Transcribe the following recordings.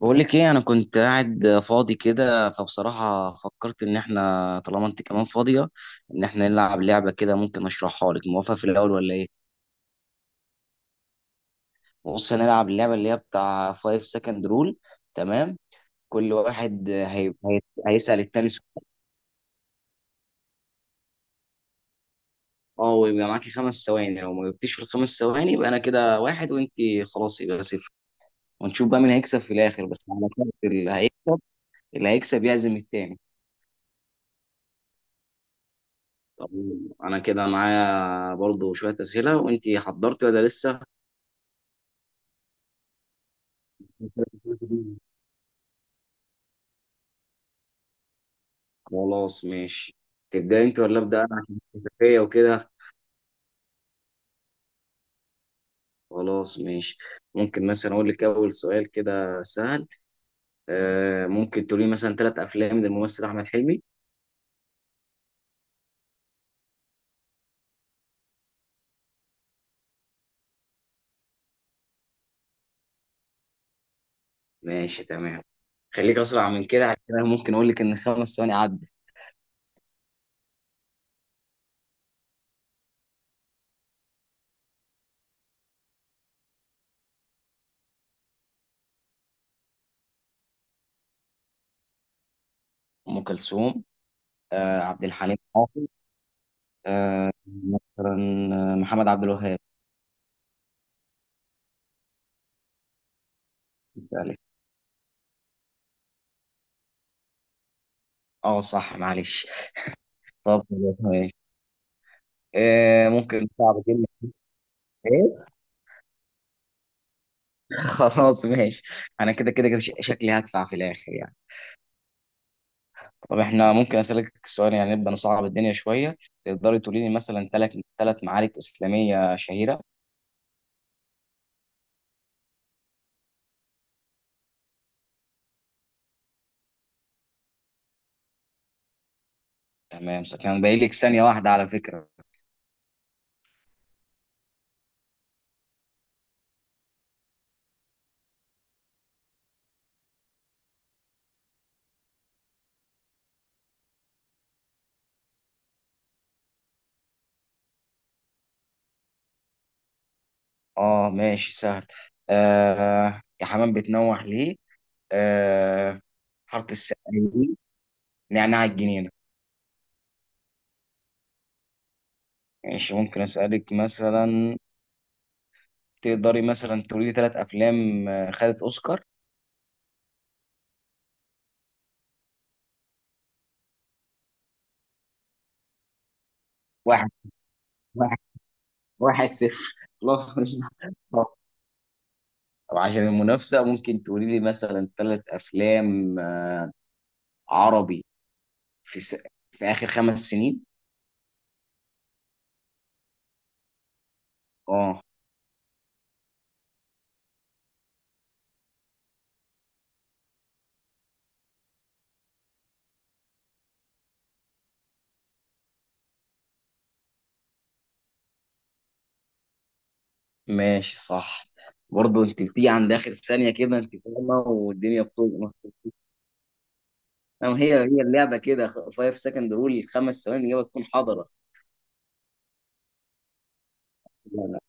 بقول لك ايه، انا كنت قاعد فاضي كده، فبصراحة فكرت ان احنا طالما انت كمان فاضية ان احنا نلعب لعبة كده. ممكن اشرحها لك؟ موافقة في الاول ولا ايه؟ بص، هنلعب اللعبة اللي هي بتاع 5 second rule. تمام. كل واحد هيسأل التاني سؤال. اه، ويبقى معاكي 5 ثواني. لو ما جبتيش في ال5 ثواني يبقى انا كده واحد وانت خلاص يبقى صفر. ونشوف بقى مين هيكسب في الاخر، بس على شرط اللي هيكسب يعزم التاني. طب انا كده معايا برضو شوية اسئلة، وانتي حضرتي ولا لسه؟ خلاص ماشي. تبدأ انت ولا ابدأ انا عشان الخلفية وكده؟ خلاص ماشي. ممكن مثلا اقول لك اول سؤال كده سهل. ممكن تقولي مثلا ثلاث افلام للممثل احمد حلمي. ماشي تمام. خليك اسرع من كده عشان أنا ممكن اقول لك ان ال5 ثواني عدى. ام كلثوم. عبد الحليم حافظ. آه مثلا آه، محمد عبد الوهاب. اه صح، معلش. طب، ممكن صعب كلمة. ايه؟ خلاص ماشي. انا كده شكلي هدفع في الاخر يعني. طب احنا ممكن اسالك سؤال؟ يعني نبدا نصعب الدنيا شويه. تقدري تقولي لي مثلا ثلاث معارك اسلاميه شهيره. تمام، كان باقي لك 1 ثانية على فكره. اه ماشي سهل. يا حمام بتنوح ليه. آه حاره السقايين. نعناع الجنينه. ماشي، ممكن اسالك مثلا. تقدري مثلا تقولي لي ثلاث افلام خدت اوسكار؟ واحد واحد صفر. خلاص مش. طب عشان المنافسة ممكن تقولي لي مثلا ثلاث أفلام عربي في س... في آخر 5 سنين. اه ماشي صح. برضه انت بتيجي عند آخر ثانية كده انت فاهمة والدنيا بتظلم. أما هي اللعبة كده، 5 سكند رول، 5 ثواني الإجابة تكون حاضرة. لا لا،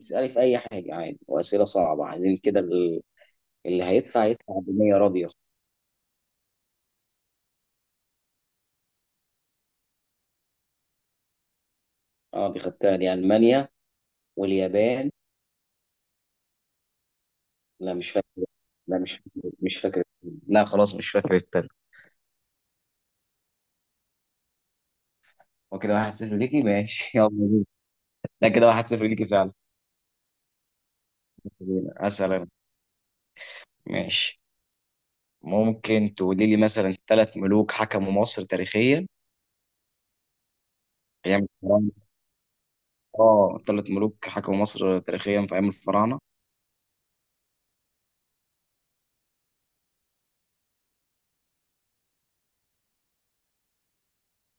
اسألي في أي حاجة عادي، وأسئلة صعبة عايزين كده اللي هيدفع يدفع بنية راضية. اه دي خدتها، دي ألمانيا واليابان. لا مش فاكر، مش فاكر. لا خلاص مش فاكر التاني. هو كده 1-0 ليكي، ماشي. يلا بينا. لا، كده 1-0 ليكي فعلا. بينا. أسأل أنا. ماشي. ممكن تقولي لي مثلا ثلاث ملوك حكموا مصر تاريخيا أيام الفراعنة؟ اه، ثلاث ملوك حكموا مصر تاريخيا في أيام الفراعنة.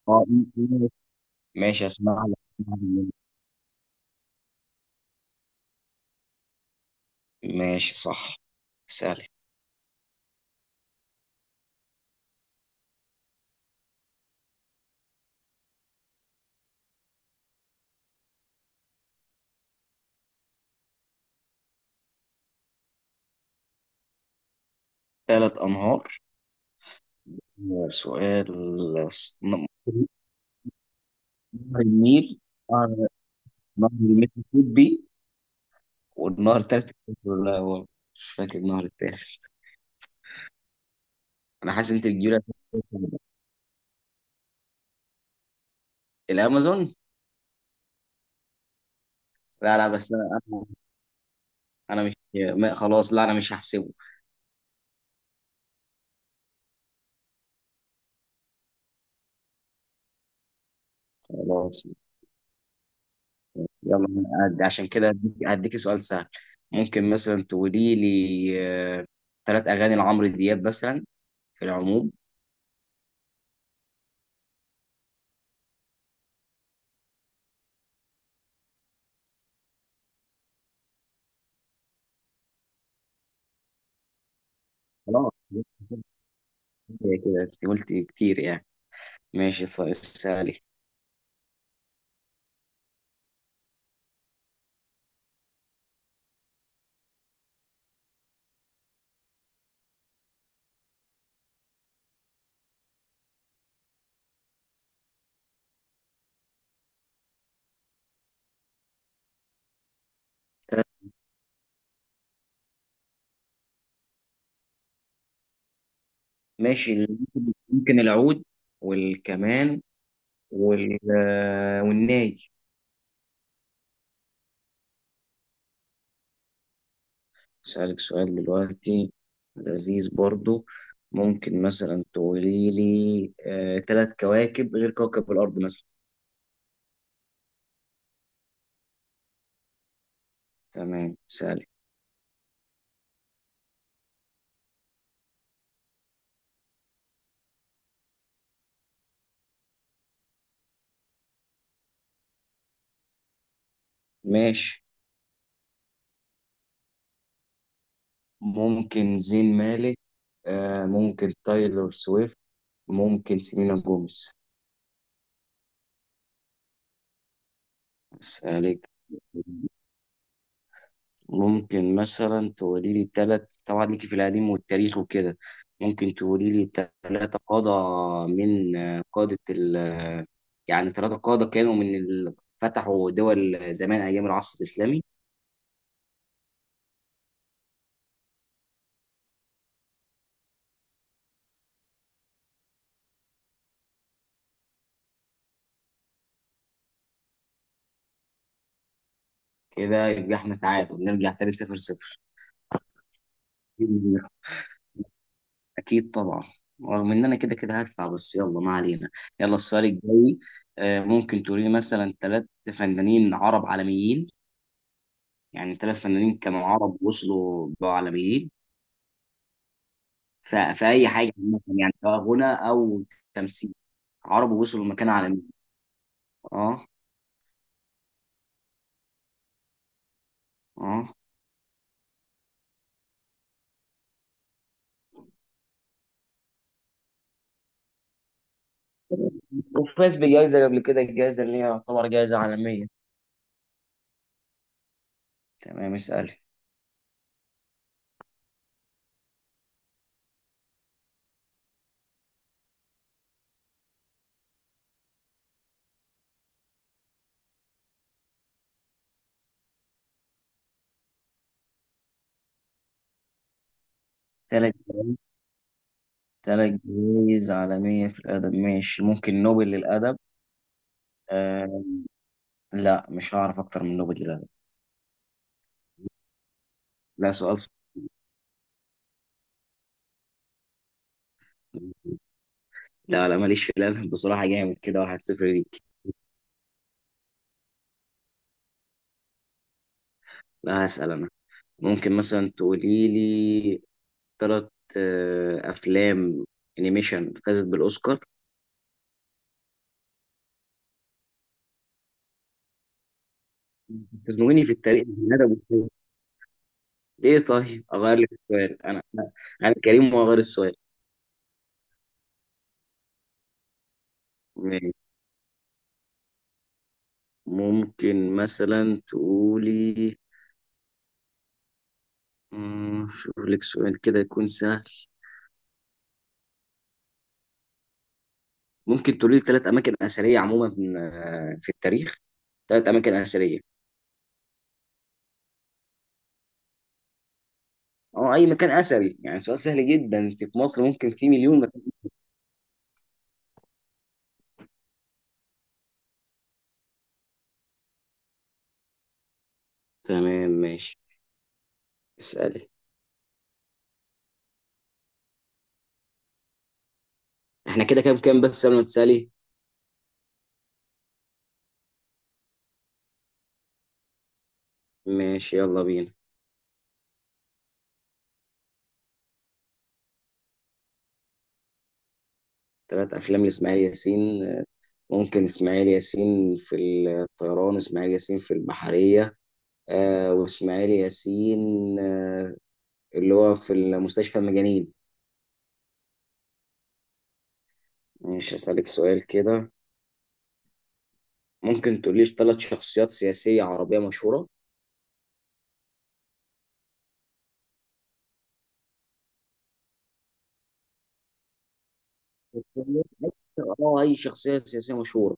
اه ماشي، أسمع لك. ماشي صح. سألي. ثلاث أنهار؟ سؤال. نهر النيل. نهر نهر المسيسيبي. والنهر التالت، لا هو مش فاكر النهر التالت. انا حاسس انت بتجيب لي. الامازون. لا لا، بس انا انا أنا مش ما خلاص، لا انا مش هحسبه. خلاص. يلا. أنا عشان كده هديك سؤال سهل. ممكن مثلا تقولي لي ثلاث اغاني لعمرو دياب مثلا في العموم. خلاص، هي كده انت قلت كتير يعني. ماشي طيب، اسالي. ماشي. ممكن العود والكمان والناي. أسألك سؤال دلوقتي لذيذ برضو. ممكن مثلا تقولي لي، تلات كواكب غير كوكب الأرض مثلا؟ تمام سهل. ماشي. ممكن زين مالك، ممكن تايلور سويفت، ممكن سيلينا جوميز. أسألك. ممكن مثلا تقولي لي تلات، طبعا ليكي في القديم والتاريخ وكده. ممكن تقولي لي تلاتة قادة من قادة ال يعني تلاتة قادة كانوا من ال... فتحوا دول زمان أيام العصر الإسلامي. كده يبقى احنا تعادل نرجع تاني 0-0. أكيد طبعا. رغم إن أنا كده كده هطلع، بس يلا ما علينا. يلا السؤال الجاي. ممكن تقولي لي مثلا تلات فنانين عرب عالميين. يعني تلات فنانين كانوا عرب وصلوا بقوا عالميين. في اي حاجه عامه يعني، سواء غنى او تمثيل. عرب وصلوا لمكانه عالميه. اه. اه وفاز بجائزة قبل كده الجائزة اللي هي يعتبر جائزة عالمية. تمام، اسألي. تلات تلات جوائز عالمية في الأدب، ماشي. ممكن نوبل للأدب. آه. لا مش هعرف أكتر من نوبل للأدب. لا سؤال صعب. لا لا، ماليش في الأدب بصراحة. جامد كده 1-0 ليك. لا هسأل أنا. ممكن مثلا تقولي لي تلات أفلام أنيميشن فازت بالأوسكار؟ تزنقني في الطريق يا ندى أبو حميد. ايه، طيب اغير لك السؤال. انا انا أنا كريم واغير السؤال. ماشي. ممكن مثلا تقولي، شوف لك سؤال كده يكون سهل. ممكن تقولي لي ثلاث اماكن اثريه عموما في التاريخ. ثلاث اماكن اثريه. اه اي مكان اثري، يعني سؤال سهل جدا. انت في مصر ممكن في مليون مكان. تمام ماشي، اسالي. احنا كده كام كام بس قبل ما تسالي؟ ماشي يلا بينا. ثلاث افلام لاسماعيل ياسين، ممكن اسماعيل ياسين في الطيران، اسماعيل ياسين في البحرية، واسماعيل ياسين آه اللي هو في المستشفى المجانين. مش هسألك سؤال كده. ممكن تقوليش ثلاث شخصيات سياسية عربية مشهورة؟ اه اي شخصية سياسية مشهورة.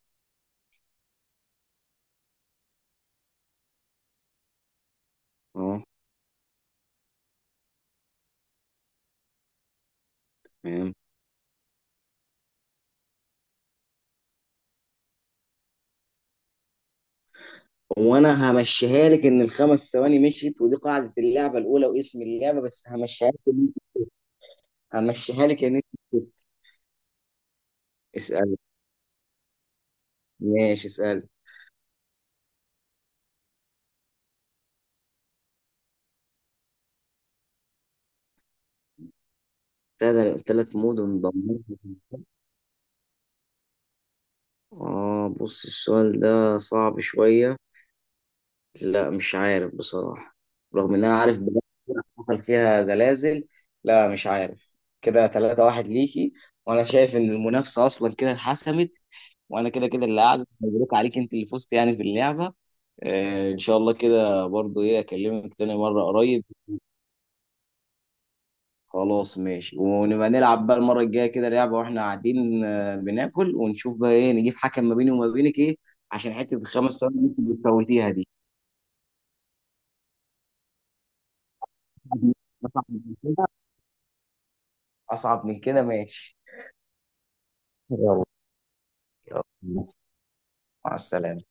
اه. تمام. وانا همشيها لك ان ال5 ثواني مشيت، ودي قاعدة اللعبة الاولى واسم اللعبة، بس همشيها لك ان انت. اسأل. ماشي اسأل. ثلاث مدن دمرت، بص السؤال ده صعب شوية. لا مش عارف بصراحة. رغم إن أنا عارف بلد حصل فيها زلازل. لا مش عارف. كده 3-1 ليكي. وأنا شايف إن المنافسة أصلا كده اتحسمت. وأنا كده كده اللي أعزم. مبروك عليك، أنت اللي فزت يعني في اللعبة. إن شاء الله كده برضو، إيه أكلمك تاني مرة قريب. خلاص ماشي، ونبقى نلعب بقى المرة الجاية كده لعبة وإحنا قاعدين، بناكل ونشوف بقى إيه، نجيب حكم ما بيني وما بينك إيه. عشان حتة ال5 ثواني اللي أنت بتفوتيها دي. أصعب من كده، أصعب من كده ماشي. يلا. يلا مع السلامة.